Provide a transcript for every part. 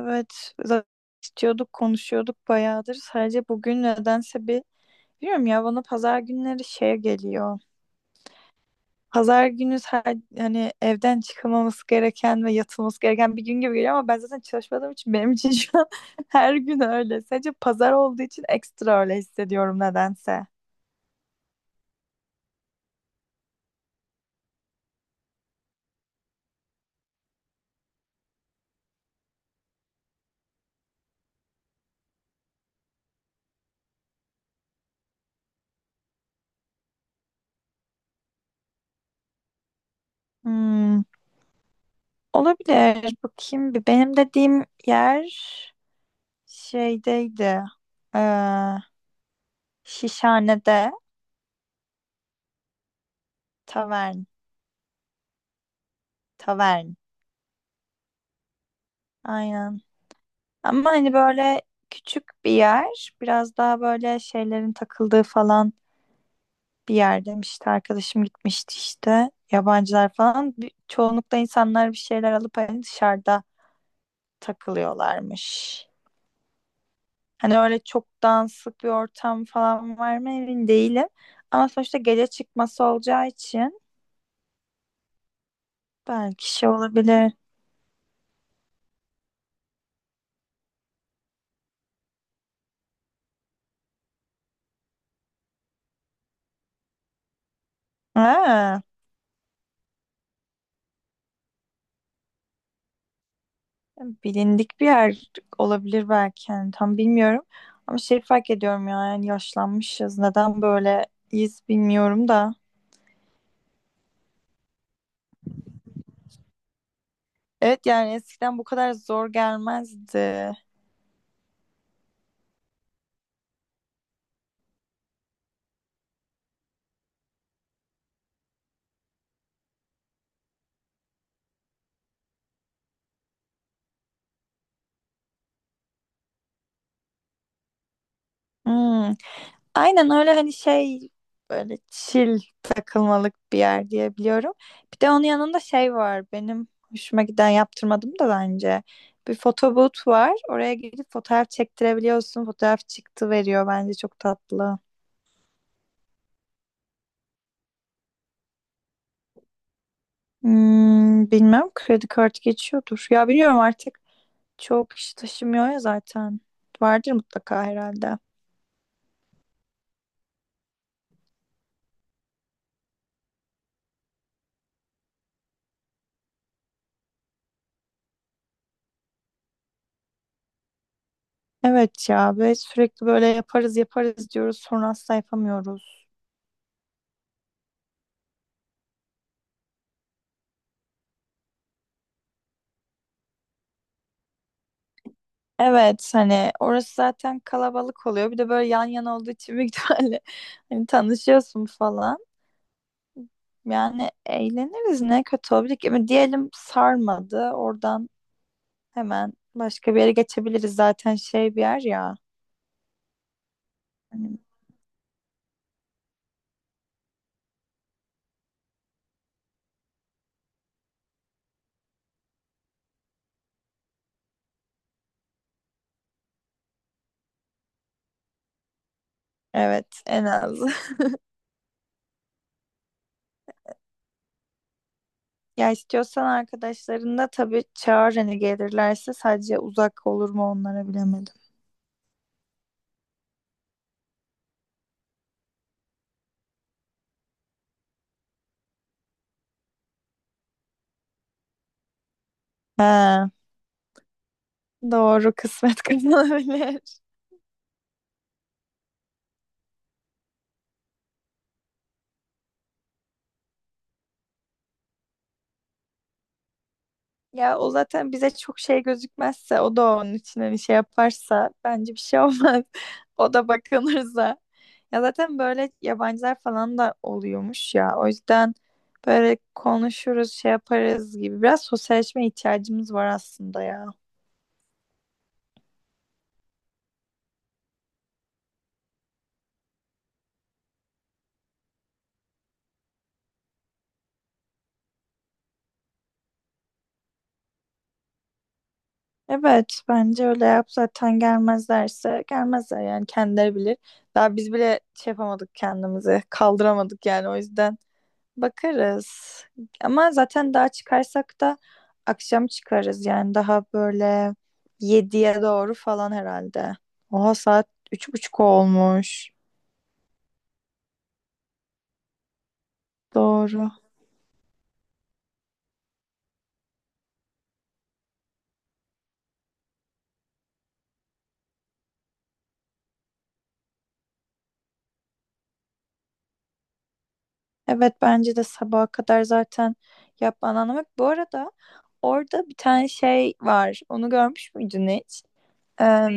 Evet, zaten istiyorduk, konuşuyorduk bayağıdır. Sadece bugün nedense bir bilmiyorum ya, bana pazar günleri şey geliyor. Pazar günü hani evden çıkılmaması gereken ve yatılması gereken bir gün gibi geliyor, ama ben zaten çalışmadığım için benim için şu an her gün öyle. Sadece pazar olduğu için ekstra öyle hissediyorum nedense. Hmm, olabilir. Bakayım bir. Benim dediğim yer şeydeydi. Ee, Şişhane'de tavern. Tavern. Aynen. Ama hani böyle küçük bir yer, biraz daha böyle şeylerin takıldığı falan bir yer demişti. Arkadaşım gitmişti işte. Yabancılar falan. Çoğunlukla insanlar bir şeyler alıp hani dışarıda takılıyorlarmış. Hani öyle çok danslık bir ortam falan var mı emin değilim. Ama sonuçta gece çıkması olacağı için belki şey olabilir. Ha. Bilindik bir yer olabilir belki, yani tam bilmiyorum. Ama şey fark ediyorum ya, yani yaşlanmışız. Neden böyleyiz bilmiyorum da. Evet, yani eskiden bu kadar zor gelmezdi. Hmm. Aynen öyle, hani şey, böyle chill takılmalık bir yer diye biliyorum. Bir de onun yanında şey var benim hoşuma giden, yaptırmadım da bence. Bir fotoboot var. Oraya gidip fotoğraf çektirebiliyorsun. Fotoğraf çıktı veriyor, bence çok tatlı. Hmm, bilmem, kredi kartı geçiyordur. Ya biliyorum, artık çok kişi taşımıyor ya zaten. Vardır mutlaka herhalde. Evet ya, ve sürekli böyle yaparız yaparız diyoruz, sonra asla yapamıyoruz. Evet, hani orası zaten kalabalık oluyor. Bir de böyle yan yana olduğu için büyük ihtimalle hani tanışıyorsun falan. Yani eğleniriz, ne kötü olabilir ki. Ama diyelim sarmadı, oradan hemen başka bir yere geçebiliriz zaten, şey bir yer ya. Hani evet, en az. Ya istiyorsan arkadaşlarını da tabii çağır, hani gelirlerse. Sadece uzak olur mu onlara, bilemedim. He, doğru, kısmet kazanabilir. Ya o zaten bize çok şey gözükmezse, o da onun için hani şey yaparsa bence bir şey olmaz. O da bakılırsa. Ya zaten böyle yabancılar falan da oluyormuş ya. O yüzden böyle konuşuruz, şey yaparız gibi. Biraz sosyalleşme ihtiyacımız var aslında ya. Evet, bence öyle yap, zaten gelmezlerse gelmezler, yani kendileri bilir. Daha biz bile şey yapamadık, kendimizi kaldıramadık yani, o yüzden. Bakarız. Ama zaten daha çıkarsak da akşam çıkarız, yani daha böyle 7'ye doğru falan herhalde. Oha, saat 3.30 olmuş. Doğru. Evet, bence de sabaha kadar zaten yapman anlamak. Bu arada orada bir tane şey var. Onu görmüş müydün hiç? Ee,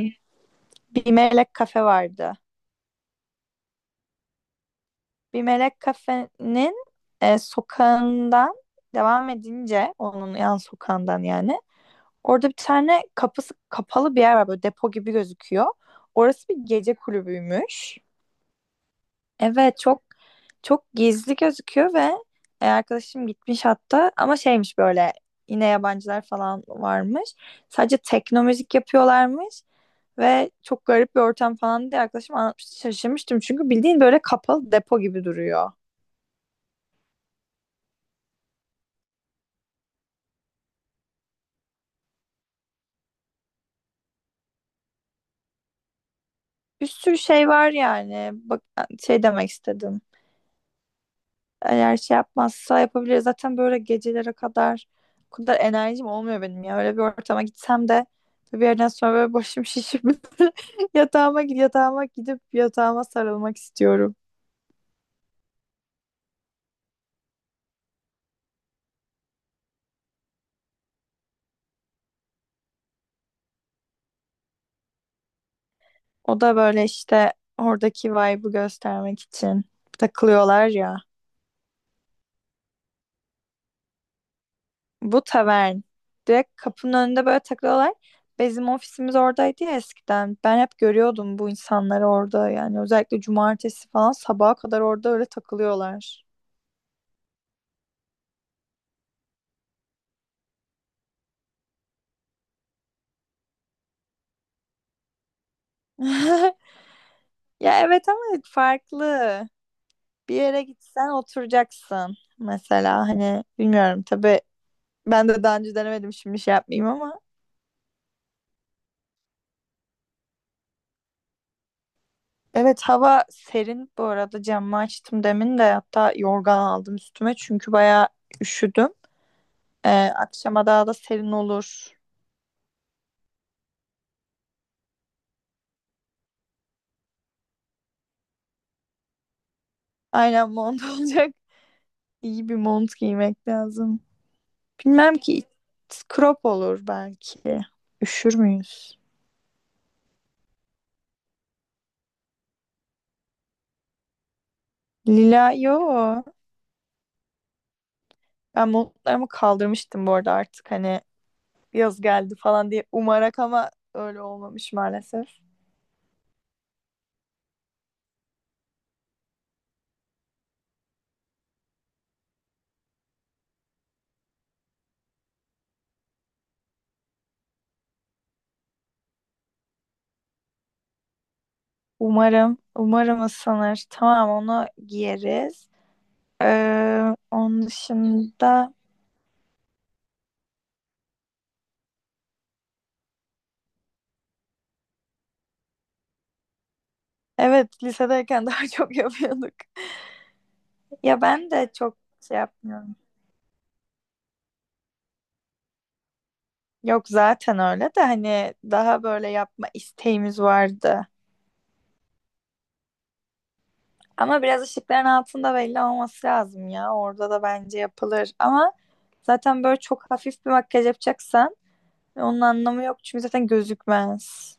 bir melek kafe vardı. Bir melek kafenin sokağından devam edince, onun yan sokağından yani. Orada bir tane kapısı kapalı bir yer var, böyle depo gibi gözüküyor. Orası bir gece kulübüymüş. Evet, çok çok gizli gözüküyor ve arkadaşım gitmiş hatta, ama şeymiş böyle, yine yabancılar falan varmış. Sadece tekno müzik yapıyorlarmış ve çok garip bir ortam falan diye arkadaşım anlatmıştı. Şaşırmıştım çünkü bildiğin böyle kapalı depo gibi duruyor. Bir sürü şey var yani. Bak, şey demek istedim. Eğer şey yapmazsa yapabiliriz. Zaten böyle gecelere kadar o kadar enerjim olmuyor benim ya. Öyle bir ortama gitsem de bir yerden sonra böyle başım şişip yatağıma gidip yatağıma sarılmak istiyorum. O da böyle işte oradaki vibe'ı göstermek için takılıyorlar ya. Bu tavern. Direkt kapının önünde böyle takılıyorlar. Bizim ofisimiz oradaydı ya eskiden. Ben hep görüyordum bu insanları orada. Yani özellikle cumartesi falan sabaha kadar orada öyle takılıyorlar. Ya evet, ama farklı. Bir yere gitsen oturacaksın. Mesela hani bilmiyorum tabii, ben de daha önce denemedim, şimdi şey yapmayayım ama. Evet, hava serin, bu arada camı açtım demin de hatta, yorgan aldım üstüme çünkü bayağı üşüdüm. Ee, akşama daha da serin olur. Aynen, mont olacak. İyi bir mont giymek lazım. Bilmem ki, crop olur belki. Üşür müyüz? Lila yo. Ben montlarımı kaldırmıştım bu arada, artık hani yaz geldi falan diye umarak, ama öyle olmamış maalesef. Umarım, umarım ısınır. Tamam, onu giyeriz. Ee, onun dışında evet, lisedeyken daha çok yapıyorduk. Ya ben de çok şey yapmıyorum. Yok zaten, öyle de hani daha böyle yapma isteğimiz vardı. Ama biraz ışıkların altında belli olması lazım ya. Orada da bence yapılır. Ama zaten böyle çok hafif bir makyaj yapacaksan onun anlamı yok, çünkü zaten gözükmez.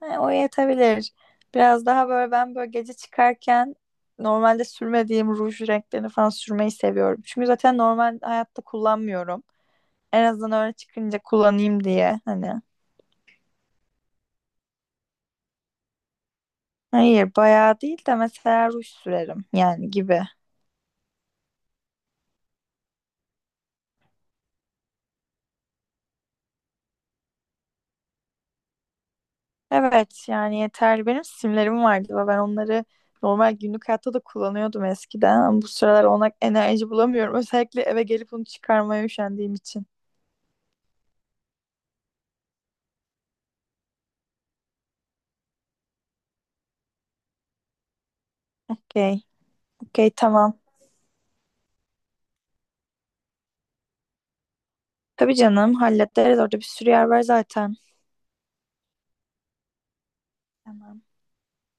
He, o yetebilir. Biraz daha böyle, ben böyle gece çıkarken normalde sürmediğim ruj renklerini falan sürmeyi seviyorum. Çünkü zaten normal hayatta kullanmıyorum. En azından öyle çıkınca kullanayım diye hani. Hayır, bayağı değil de mesela ruj sürerim yani gibi. Evet yani, yeterli. Benim simlerim vardı ve ben onları normal günlük hayatta da kullanıyordum eskiden. Ama bu sıralar ona enerji bulamıyorum. Özellikle eve gelip onu çıkarmaya üşendiğim için. Okey. Okey, tamam. Tabii canım, hallederiz. Orada bir sürü yer var zaten. Tamam.